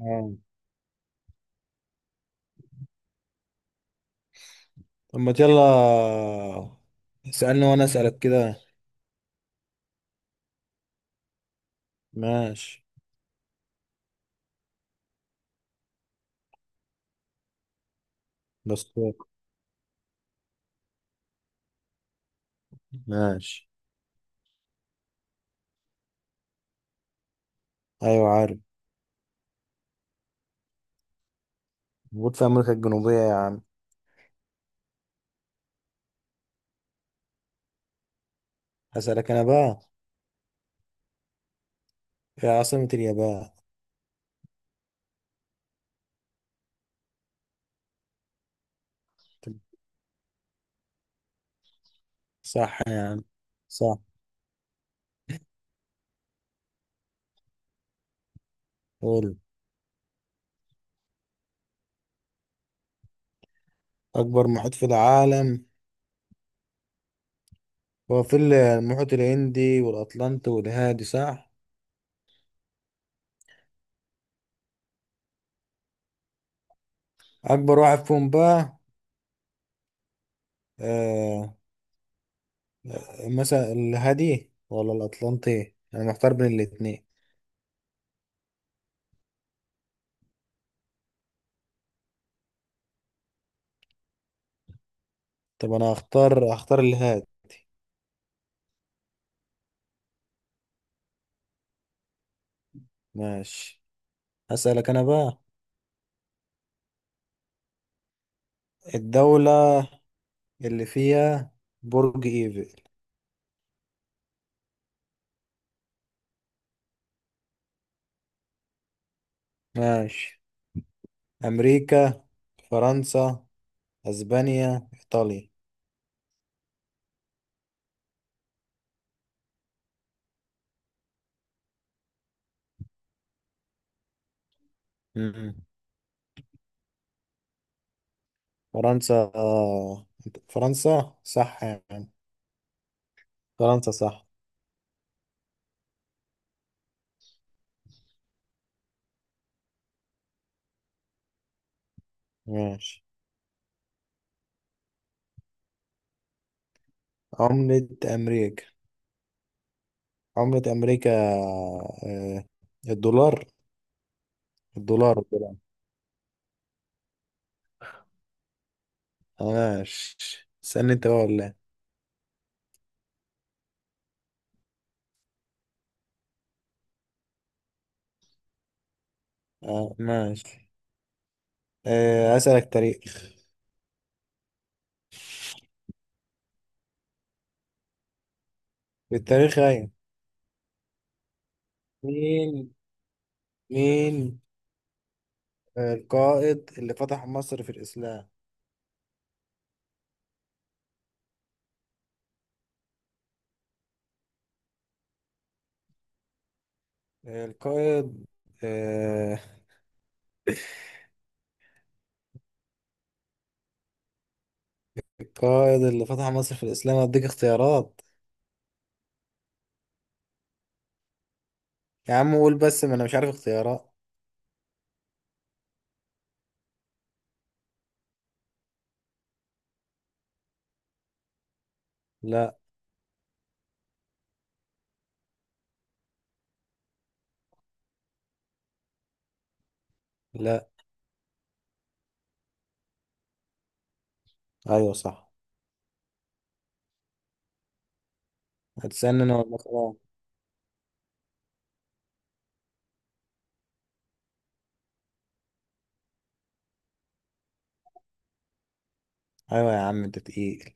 اه. طب ما يلا، اسألني وانا اسألك كده. ماشي. بس. ماشي. ايوه، عارف. موجود في امريكا الجنوبية يا عم. هسألك انا بقى، في عاصمة اليابان؟ صح يا عم، صح. قول. اكبر محيط في العالم هو في المحيط الهندي والاطلنطي والهادي، صح؟ اكبر واحد فيهم بقى. آه. مثلا الهادي ولا الاطلنطي؟ انا محتار بين الاتنين. طب انا هختار الهادي. ماشي. هسألك أنا بقى. الدولة اللي فيها برج إيفل. ماشي. أمريكا، فرنسا، أسبانيا، إيطاليا. مم. فرنسا. آه. فرنسا صح يعني. فرنسا صح. ماشي. عملة أمريكا. عملة أمريكا. آه. الدولار. الدولار. الدولار. ماشي. استنى أنت بقى ولا إيه؟ آه. ماشي. آه. أسألك تاريخ. التاريخ، أيوة. مين مين القائد اللي فتح مصر في الإسلام. القائد، آه، القائد اللي فتح مصر في الإسلام. أديك اختيارات؟ يا عم قول بس، ما أنا مش عارف اختيارات. لا، لا. أيوة صح. هتسألني أنا ولا خلاص؟ أيوة يا عم أنت تقيل.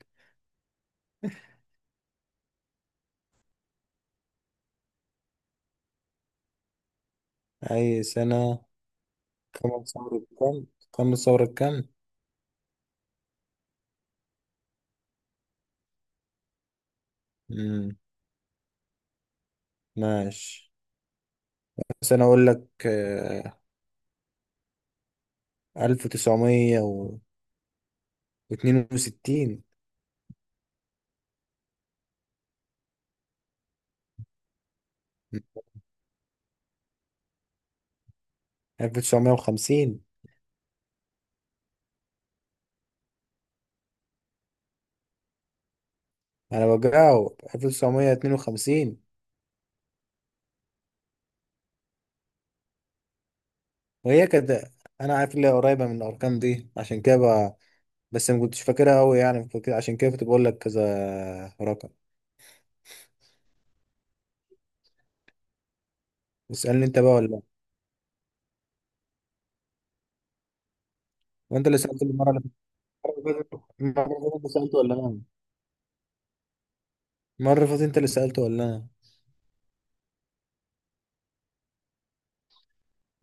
أي سنة؟ كم ثورة كم، كم ثورة كم. مم. ماشي. بس أنا أقول لك، آه، 1962. 1950. انا بجاوب 1952. وهي كانت، انا عارف اللي هي قريبه من الارقام دي عشان كده بس ما كنتش فاكرها قوي يعني عشان كده كنت بقول لك كذا رقم. اسالني انت بقى ولا لا؟ وانت اللي سالت المره اللي فاتت. المره اللي فاتت انت سالت ولا انا؟ المره اللي فاتت انت اللي سالت ولا انا؟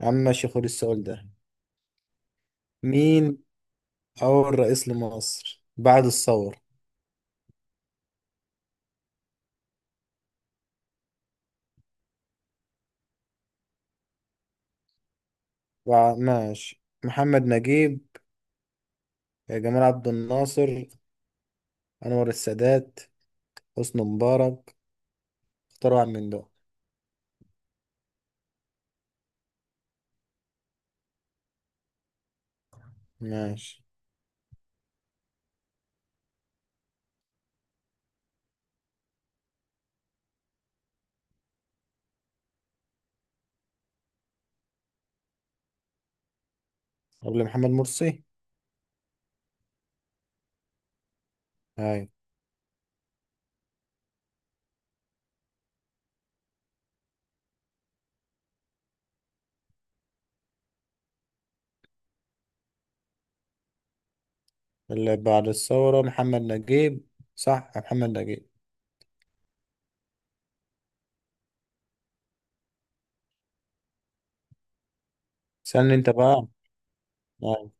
يا عم ماشي، خد السؤال ده. مين اول رئيس لمصر بعد الثوره؟ ماشي. محمد نجيب، جمال عبد الناصر، انور السادات، حسني مبارك. اختار واحد من دول. ماشي. قبل محمد مرسي؟ ايوه. اللي بعد الثورة محمد نجيب. صح، محمد نجيب. سألني انت بقى. ايوه.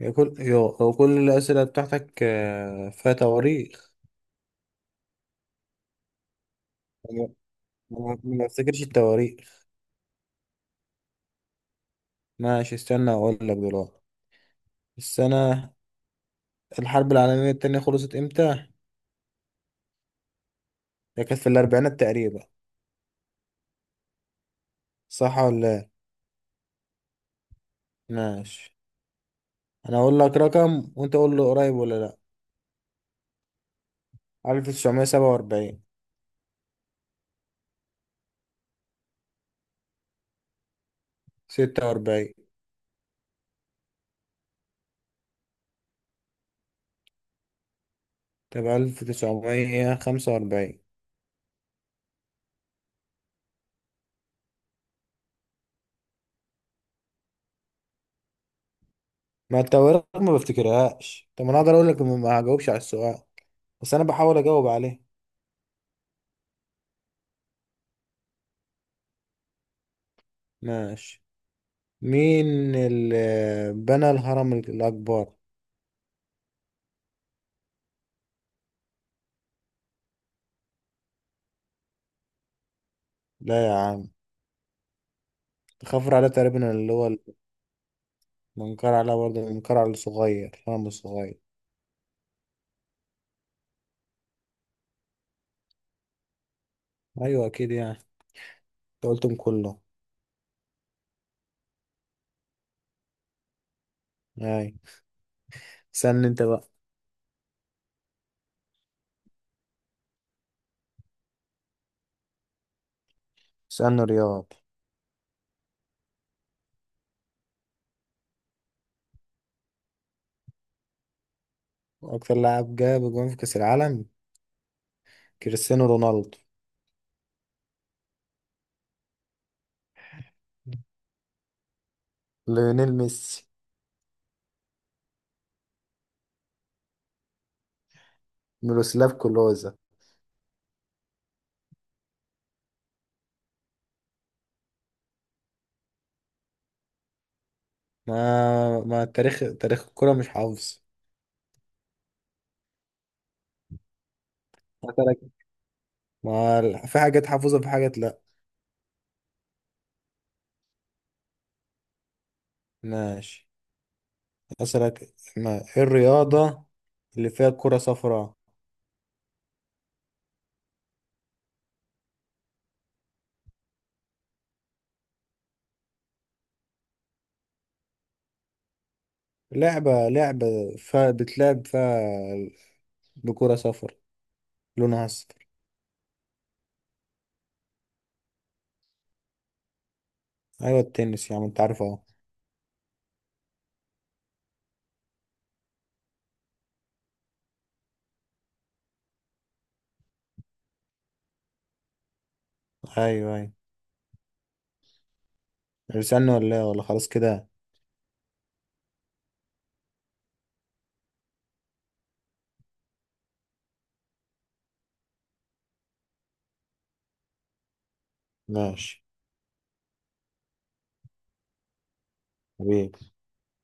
هو كل الأسئلة بتاعتك آه، فيها تواريخ. ما ما بفتكرش التواريخ. ماشي، استنى اقول لك دلوقتي. السنة، الحرب العالمية التانية خلصت امتى؟ هي كانت في الأربعينات تقريبا، صح ولا لا؟ ماشي. أنا أقول لك رقم وأنت قول له قريب ولا لأ. 1947. 46. طب 1945. ما انت ورق، ما بفتكرهاش. طب انا اقدر اقول لك ما هجاوبش على السؤال، بس انا بحاول اجاوب عليه. ماشي. مين اللي بنى الهرم الاكبر؟ لا يا عم. خفر عليه تقريبا، اللي هو المنقرع عليه برضه. المنقرع الصغير الهرم الصغير. ايوه اكيد يعني. انت قلتهم كله. اي. استنى انت بقى. استنى رياض. اكتر لاعب جاب جون في كاس العالم. كريستيانو رونالدو، ليونيل ميسي، ميروسلاف كلوزا. ما التاريخ، تاريخ الكرة مش حافظ. هسألك. ما ال- في حاجات حافظها، في حاجات لأ. ماشي. أسألك، ما إيه الرياضة اللي فيها كرة صفراء؟ لعبة فيها بتلعب فيها بكرة صفراء، لونها أصفر. أيوة، التنس يا عم، أنت عارف أهو. أيوة، أيوة. اسألني ولا إيه ولا خلاص كده؟ ماشي. حبيبي.